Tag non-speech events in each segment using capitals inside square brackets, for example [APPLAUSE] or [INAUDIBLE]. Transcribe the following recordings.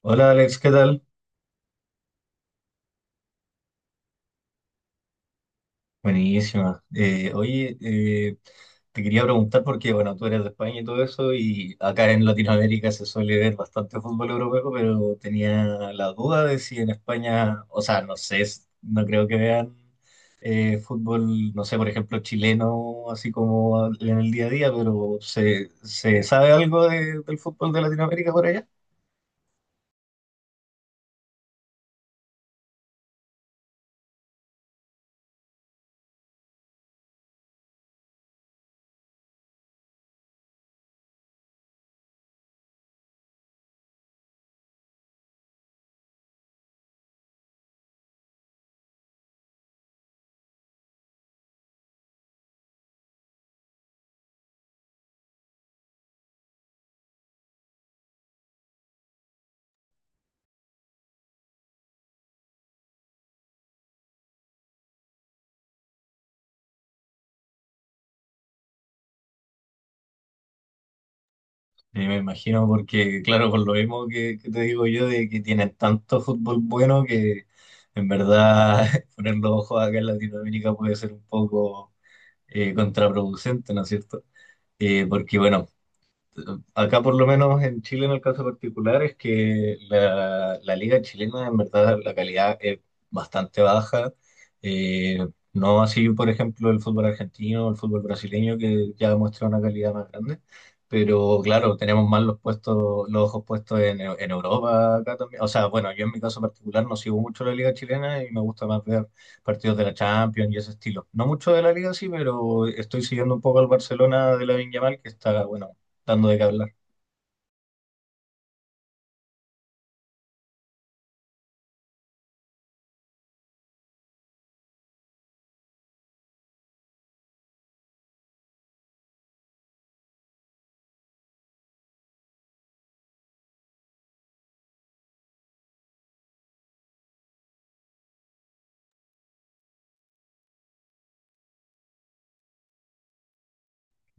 Hola Alex, ¿qué tal? Buenísima. Te quería preguntar porque, bueno, tú eres de España y todo eso, y acá en Latinoamérica se suele ver bastante fútbol europeo, pero tenía la duda de si en España, o sea, no sé, no creo que vean fútbol, no sé, por ejemplo, chileno, así como en el día a día, pero ¿se sabe algo del fútbol de Latinoamérica por allá? Y me imagino porque, claro, por lo mismo que te digo yo, de que tienen tanto fútbol bueno que en verdad [LAUGHS] poner los ojos acá en Latinoamérica puede ser un poco contraproducente, ¿no es cierto? Porque, bueno, acá por lo menos en Chile en el caso particular es que la liga chilena en verdad la calidad es bastante baja. Eh, no así por ejemplo el fútbol argentino o el fútbol brasileño que ya muestra una calidad más grande. Pero claro, tenemos más los puestos, los ojos puestos en Europa acá también. O sea, bueno, yo en mi caso particular no sigo mucho la liga chilena y me gusta más ver partidos de la Champions y ese estilo. No mucho de la liga sí, pero estoy siguiendo un poco al Barcelona de la Yamal que está, bueno, dando de qué hablar.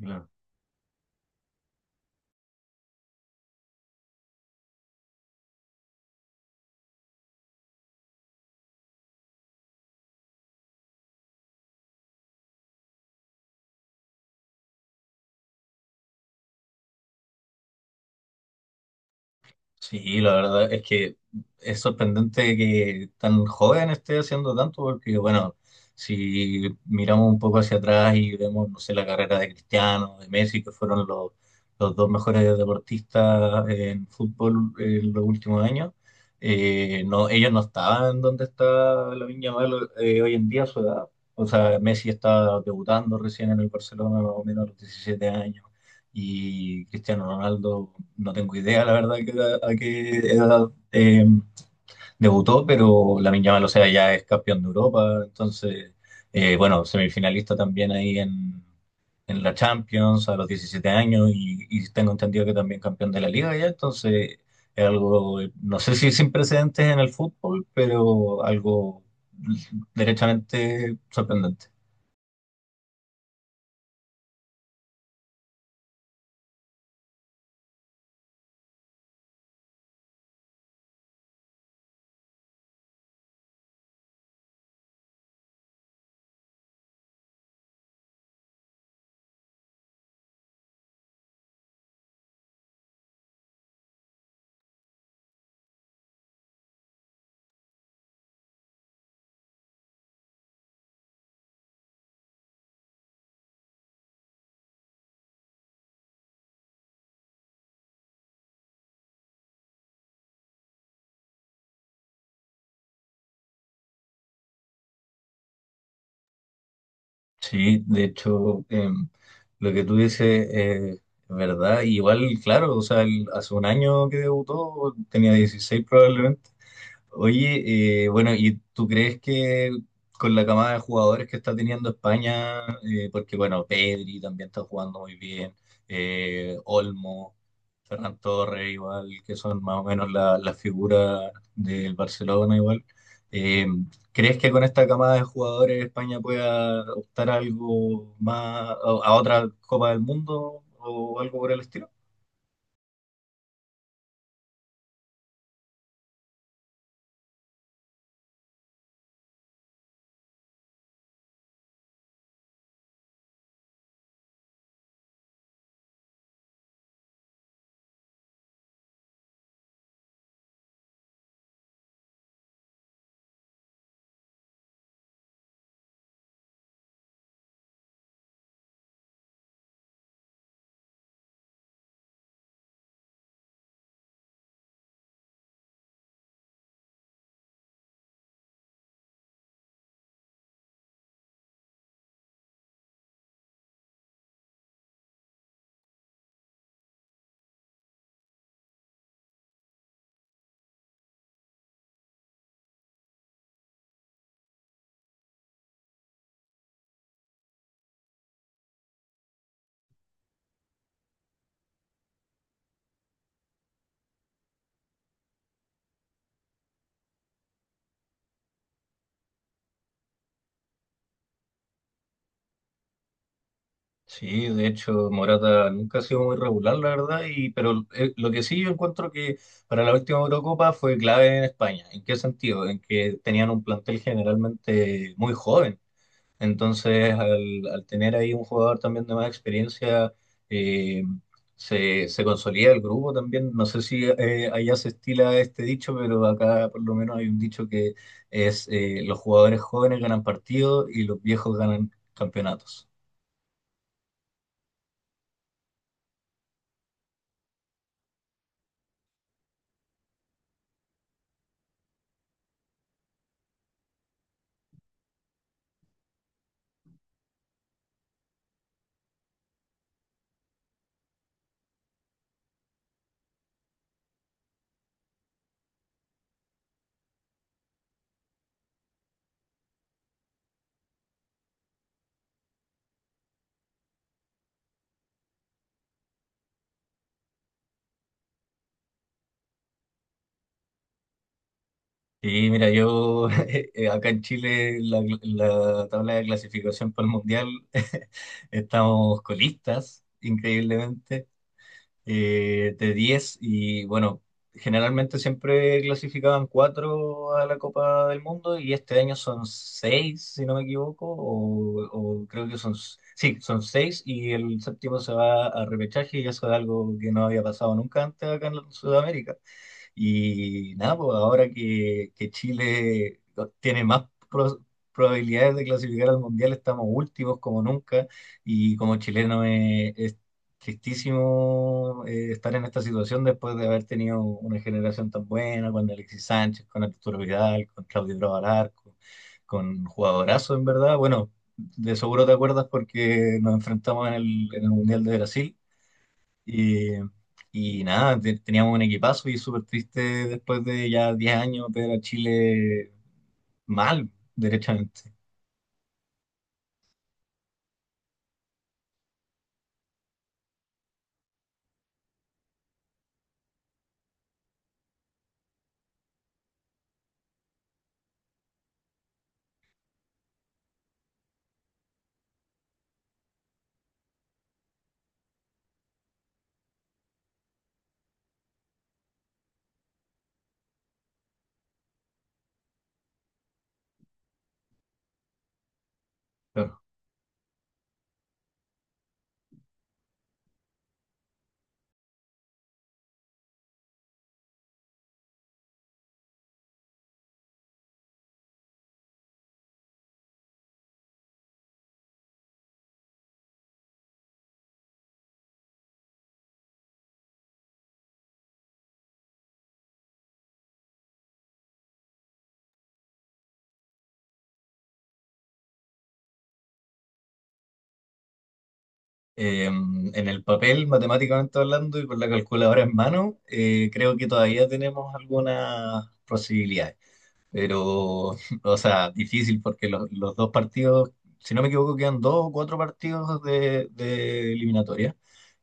Claro. Sí, la verdad es que es sorprendente que tan joven esté haciendo tanto, porque bueno, si miramos un poco hacia atrás y vemos, no sé, la carrera de Cristiano, de Messi, que fueron los dos mejores deportistas en fútbol en los últimos años, no, ellos no estaban donde está Lamine Yamal hoy en día a su edad. O sea, Messi estaba debutando recién en el Barcelona, más o menos a los 17 años. Y Cristiano Ronaldo, no tengo idea, la verdad, a qué edad debutó, pero la Yamal, o sea, ya es campeón de Europa, entonces, bueno, semifinalista también ahí en la Champions a los 17 años y tengo entendido que también campeón de la Liga ya, entonces es algo, no sé si sin precedentes en el fútbol, pero algo derechamente sorprendente. Sí, de hecho, lo que tú dices es verdad. Igual, claro, o sea, él hace un año que debutó, tenía 16 probablemente. Oye, bueno, ¿y tú crees que con la camada de jugadores que está teniendo España, porque bueno, Pedri también está jugando muy bien, Olmo, Ferran Torres, igual, que son más o menos las figuras del Barcelona, igual. Eh, ¿Crees que con esta camada de jugadores España pueda optar a algo más, a otra Copa del Mundo o algo por el estilo? Sí, de hecho, Morata nunca ha sido muy regular, la verdad, y, pero lo que sí yo encuentro que para la última Eurocopa fue clave en España. ¿En qué sentido? En que tenían un plantel generalmente muy joven. Entonces, al tener ahí un jugador también de más experiencia, eh, se consolida el grupo también. No sé si allá se estila este dicho, pero acá por lo menos hay un dicho que es los jugadores jóvenes ganan partidos y los viejos ganan campeonatos. Y mira, yo [LAUGHS] acá en Chile la tabla de clasificación para el Mundial [LAUGHS] estamos colistas, increíblemente. De 10 y bueno, generalmente siempre clasificaban 4 a la Copa del Mundo y este año son 6 si no me equivoco, o creo que son, sí, son 6 y el séptimo se va a repechaje y eso es algo que no había pasado nunca antes acá en Sudamérica. Y nada, pues ahora que Chile tiene más probabilidades de clasificar al Mundial, estamos últimos como nunca y como chileno es tristísimo estar en esta situación después de haber tenido una generación tan buena con Alexis Sánchez, con Arturo Vidal, con Claudio Bravo Alarco, con jugadorazo en verdad. Bueno, de seguro te acuerdas porque nos enfrentamos en el Mundial de Brasil eh, y nada, teníamos un equipazo y súper triste después de ya 10 años ver a Chile mal, derechamente. Claro. En el papel, matemáticamente hablando y con la calculadora en mano, creo que todavía tenemos algunas posibilidades. Pero, [LAUGHS] o sea, difícil porque los dos partidos, si no me equivoco, quedan dos o cuatro partidos de eliminatoria.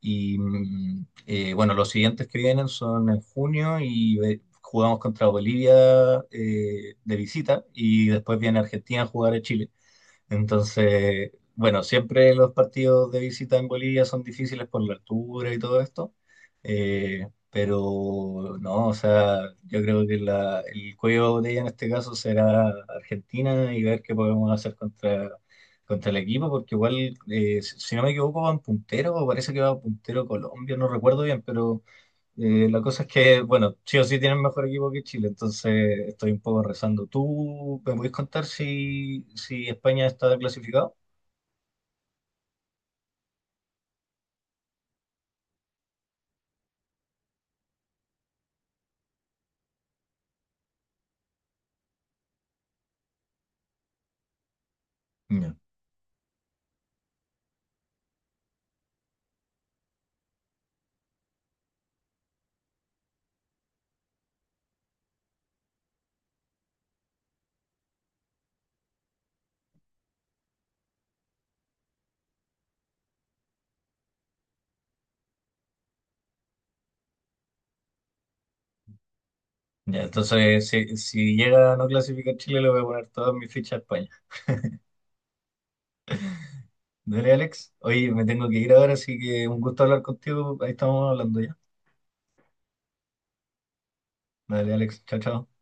Y bueno, los siguientes que vienen son en junio y jugamos contra Bolivia de visita y después viene Argentina a jugar a Chile. Entonces, bueno, siempre los partidos de visita en Bolivia son difíciles por la altura y todo esto, pero no, o sea, yo creo que el cuello de botella en este caso será Argentina y ver qué podemos hacer contra el equipo, porque igual, si no me equivoco, van puntero, o parece que va puntero Colombia, no recuerdo bien, pero la cosa es que, bueno, sí o sí tienen mejor equipo que Chile, entonces estoy un poco rezando. ¿Tú me puedes contar si, si España está clasificado? Ya. Ya, entonces si, si llega a no clasificar Chile, le voy a poner todas mis fichas a España. Dale, Alex. Oye, me tengo que ir ahora, así que un gusto hablar contigo. Ahí estamos hablando ya. Dale, Alex. Chao, chao.